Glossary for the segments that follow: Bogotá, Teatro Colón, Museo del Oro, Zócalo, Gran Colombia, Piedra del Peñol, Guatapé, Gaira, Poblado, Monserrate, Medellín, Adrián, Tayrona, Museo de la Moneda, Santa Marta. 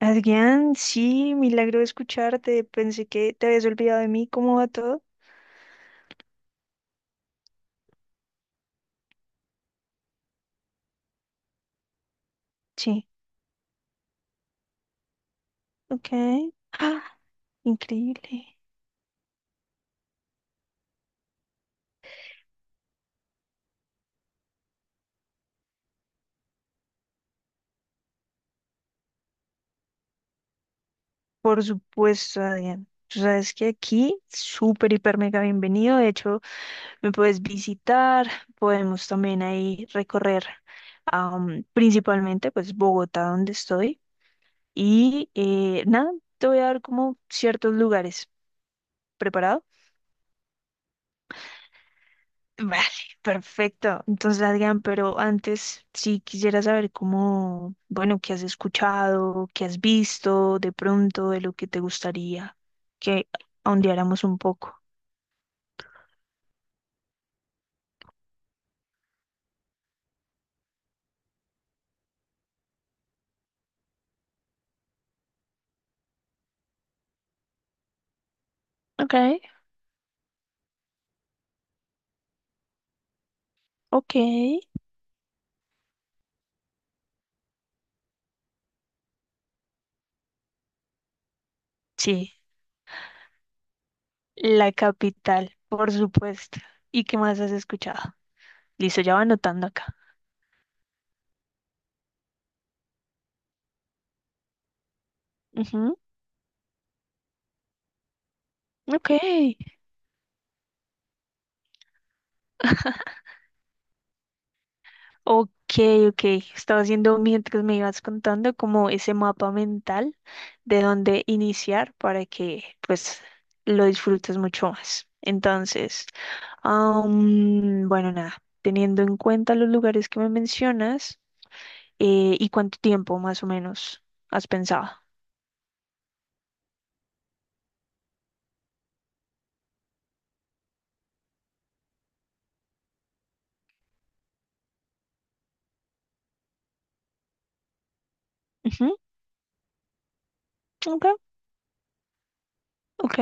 Adrián, sí, milagro de escucharte. Pensé que te habías olvidado de mí. ¿Cómo va todo? Sí, ok. ¡Ah! Increíble. Por supuesto, Adrián. Tú sabes que aquí, súper, hiper, mega bienvenido. De hecho, me puedes visitar. Podemos también ahí recorrer, principalmente, pues, Bogotá, donde estoy. Y nada, te voy a dar como ciertos lugares. Preparado. Vale, perfecto. Entonces, Adrián, pero antes sí quisiera saber cómo, bueno, qué has escuchado, qué has visto, de pronto, de lo que te gustaría que ahondeáramos un poco. Ok, ok. Sí, la capital, por supuesto. ¿Y qué más has escuchado? Listo, ya va anotando acá. Ujú. Ok. Ok, ok. Estaba haciendo mientras me ibas contando como ese mapa mental de dónde iniciar para que pues lo disfrutes mucho más. Entonces, bueno, nada, teniendo en cuenta los lugares que me mencionas y cuánto tiempo más o menos has pensado. Ujú. Ok, ok.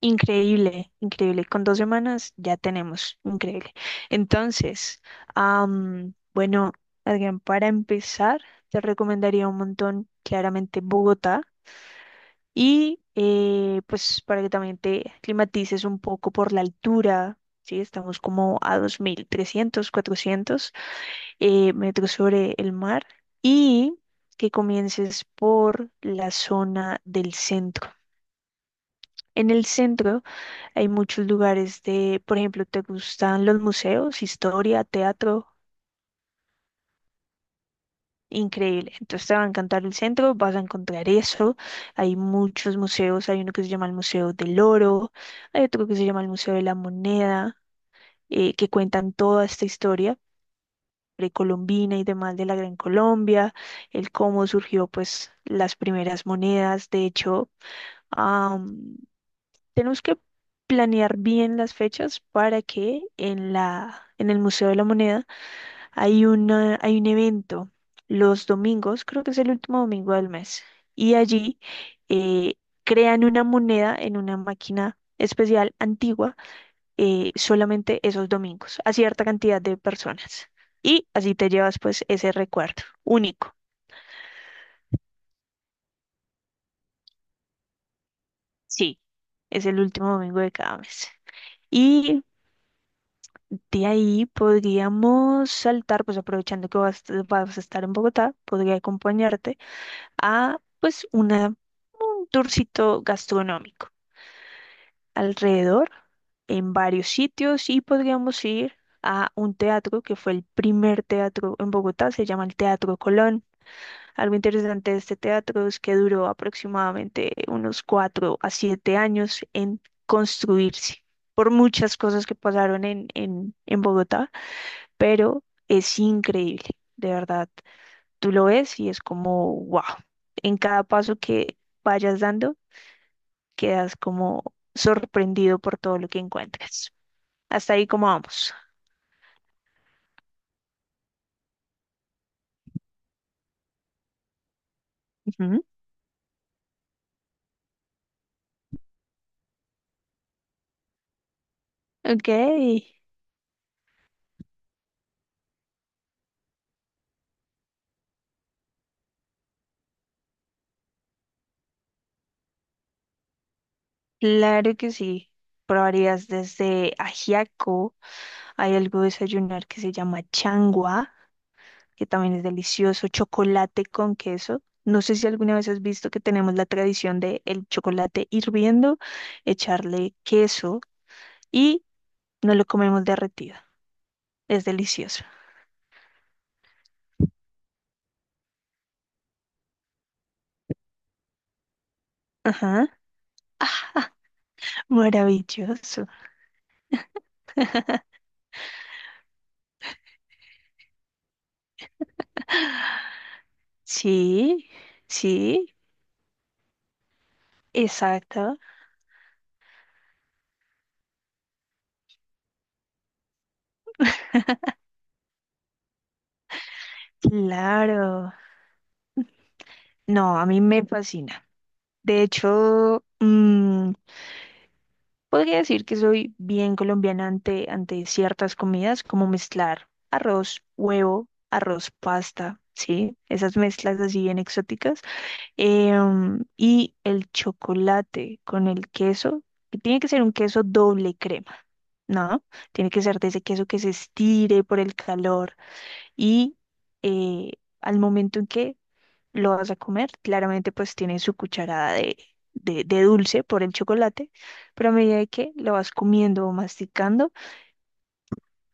Increíble, increíble. Con 2 semanas ya tenemos, increíble. Entonces, bueno, Adrián, para empezar, te recomendaría un montón, claramente, Bogotá. Y pues para que también te climatices un poco por la altura, ¿sí? Estamos como a 2.300, 400 metros sobre el mar. Y que comiences por la zona del centro. En el centro hay muchos lugares de, por ejemplo, te gustan los museos, historia, teatro, increíble. Entonces te va a encantar el centro, vas a encontrar eso. Hay muchos museos, hay uno que se llama el Museo del Oro, hay otro que se llama el Museo de la Moneda, que cuentan toda esta historia precolombina y demás de la Gran Colombia, el cómo surgió pues las primeras monedas. De hecho, tenemos que planear bien las fechas para que en la, en el Museo de la Moneda hay una, hay un evento los domingos, creo que es el último domingo del mes, y allí eh, crean una moneda en una máquina especial antigua, solamente esos domingos a cierta cantidad de personas. Y así te llevas pues ese recuerdo único. Sí, es el último domingo de cada mes. Y de ahí podríamos saltar, pues aprovechando que vas, vas a estar en Bogotá, podría acompañarte a pues una, un tourcito gastronómico alrededor en varios sitios y podríamos ir a un teatro que fue el primer teatro en Bogotá, se llama el Teatro Colón. Algo interesante de este teatro es que duró aproximadamente unos cuatro a siete años en construirse por muchas cosas que pasaron en, en Bogotá, pero es increíble, de verdad. Tú lo ves y es como, wow. En cada paso que vayas dando, quedas como sorprendido por todo lo que encuentras. Hasta ahí como vamos. Ujú. Ok, claro que sí. Probarías desde ajiaco, hay algo de desayunar que se llama changua, que también es delicioso, chocolate con queso. No sé si alguna vez has visto que tenemos la tradición de el chocolate hirviendo, echarle queso y no lo comemos derretido. Es delicioso. Ajá. Ah, maravilloso. Sí, sí, exacto. Claro. No, a mí me fascina. De hecho, podría decir que soy bien colombiana ante ciertas comidas, como mezclar arroz, huevo, arroz, pasta, ¿sí? Esas mezclas así bien exóticas. Y el chocolate con el queso, que tiene que ser un queso doble crema, ¿no? Tiene que ser de ese queso que se estire por el calor y eh, al momento en que lo vas a comer, claramente pues tiene su cucharada de, de dulce por el chocolate, pero a medida de que lo vas comiendo o masticando,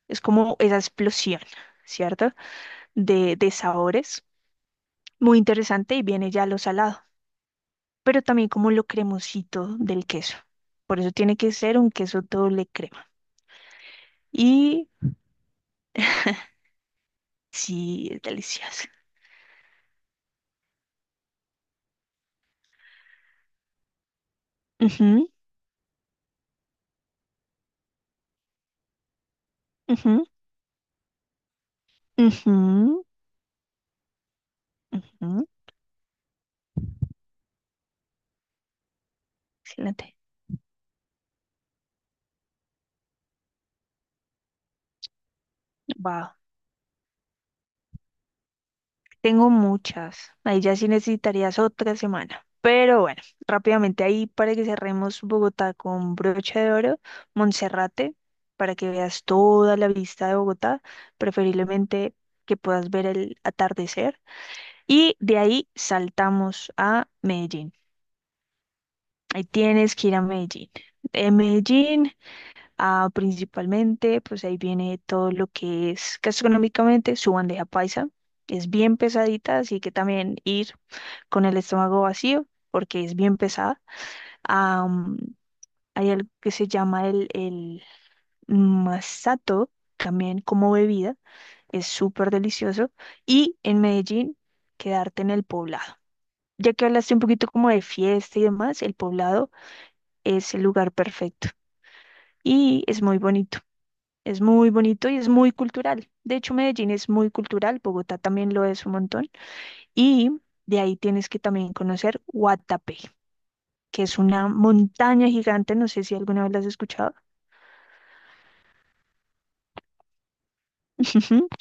es como esa explosión, ¿cierto? De sabores. Muy interesante y viene ya lo salado, pero también como lo cremosito del queso. Por eso tiene que ser un queso doble crema. Y sí, es delicioso. Ujú, ujú, ujú, ujú. Excelente. Wow. Tengo muchas. Ahí ya sí necesitarías otra semana. Pero bueno, rápidamente ahí para que cerremos Bogotá con broche de oro, Monserrate, para que veas toda la vista de Bogotá, preferiblemente que puedas ver el atardecer. Y de ahí saltamos a Medellín. Ahí tienes que ir a Medellín. En Medellín, ah, principalmente, pues ahí viene todo lo que es gastronómicamente su bandeja paisa. Es bien pesadita, así que también ir con el estómago vacío, porque es bien pesada. Am, Hay algo que se llama el masato, también como bebida. Es súper delicioso. Y en Medellín, quedarte en el poblado. Ya que hablaste un poquito como de fiesta y demás, el Poblado es el lugar perfecto y es muy bonito. Es muy bonito y es muy cultural. De hecho, Medellín es muy cultural, Bogotá también lo es un montón. Y de ahí tienes que también conocer Guatapé, que es una montaña gigante, no sé si alguna vez la has escuchado. Ujú.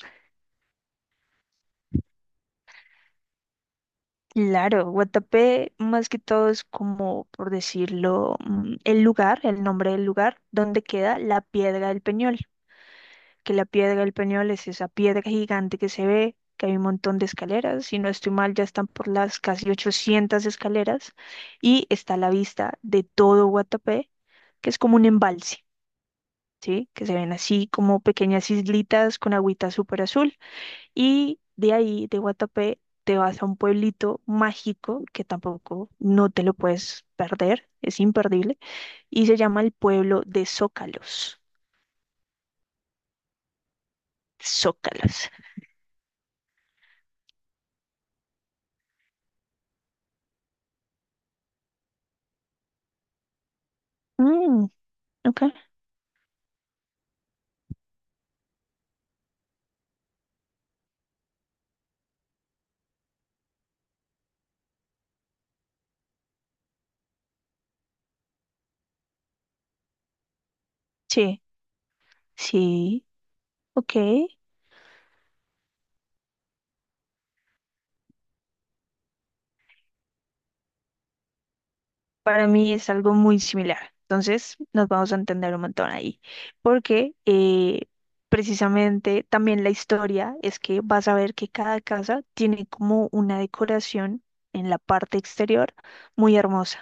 Claro, Guatapé más que todo es como, por decirlo, el lugar, el nombre del lugar donde queda la Piedra del Peñol. Que la piedra del Peñol es esa piedra gigante que se ve, que hay un montón de escaleras, si no estoy mal, ya están por las casi 800 escaleras, y está a la vista de todo Guatapé, que es como un embalse, ¿sí? Que se ven así como pequeñas islitas con agüita súper azul, y de ahí, de Guatapé, te vas a un pueblito mágico que tampoco no te lo puedes perder, es imperdible, y se llama el pueblo de Zócalos. Zócalos. Mm, ok. Sí, sí, ok. Para mí es algo muy similar. Entonces nos vamos a entender un montón ahí. Porque precisamente también la historia es que vas a ver que cada casa tiene como una decoración en la parte exterior muy hermosa,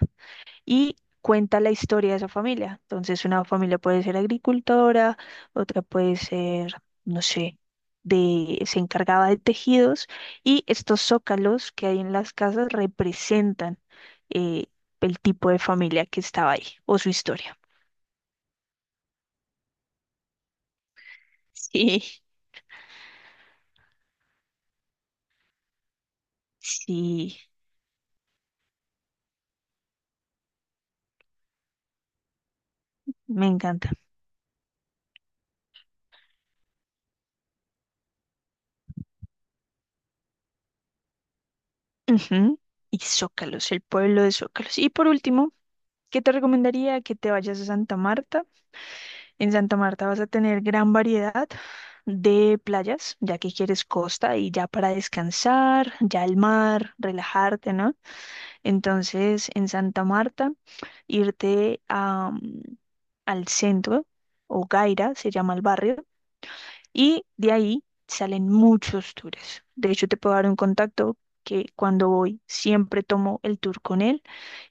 y cuenta la historia de esa familia. Entonces, una familia puede ser agricultora, otra puede ser, no sé, de, se encargaba de tejidos y estos zócalos que hay en las casas representan eh, el tipo de familia que estaba ahí o su historia. Sí, sí, me encanta. Ujú. Y Zócalos, el pueblo de Zócalos. Y por último, ¿qué te recomendaría que te vayas a Santa Marta? En Santa Marta vas a tener gran variedad de playas, ya que quieres costa y ya para descansar, ya el mar, relajarte, ¿no? Entonces, en Santa Marta, irte a, al centro, o Gaira se llama el barrio, y de ahí salen muchos tours. De hecho, te puedo dar un contacto que cuando voy siempre tomo el tour con él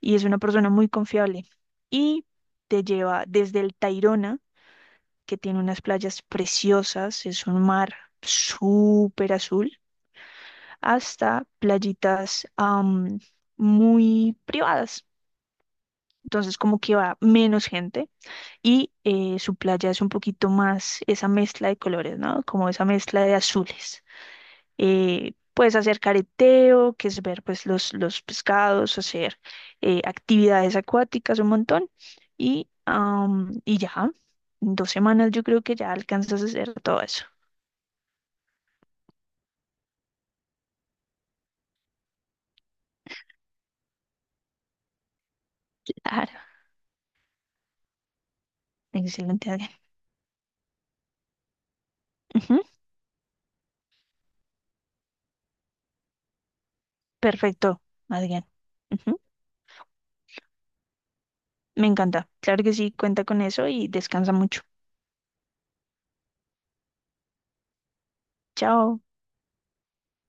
y es una persona muy confiable. Y te lleva desde el Tayrona, que tiene unas playas preciosas, es un mar súper azul, hasta playitas, muy privadas. Entonces como que va menos gente y su playa es un poquito más esa mezcla de colores, ¿no? Como esa mezcla de azules. Puedes hacer careteo, que es ver pues los pescados, hacer actividades acuáticas un montón y, y ya, en 2 semanas yo creo que ya alcanzas a hacer todo eso. Claro, excelente, Adrián. Ujú, perfecto, Adrián. Ujú, me encanta. Claro que sí, cuenta con eso y descansa mucho. Chao.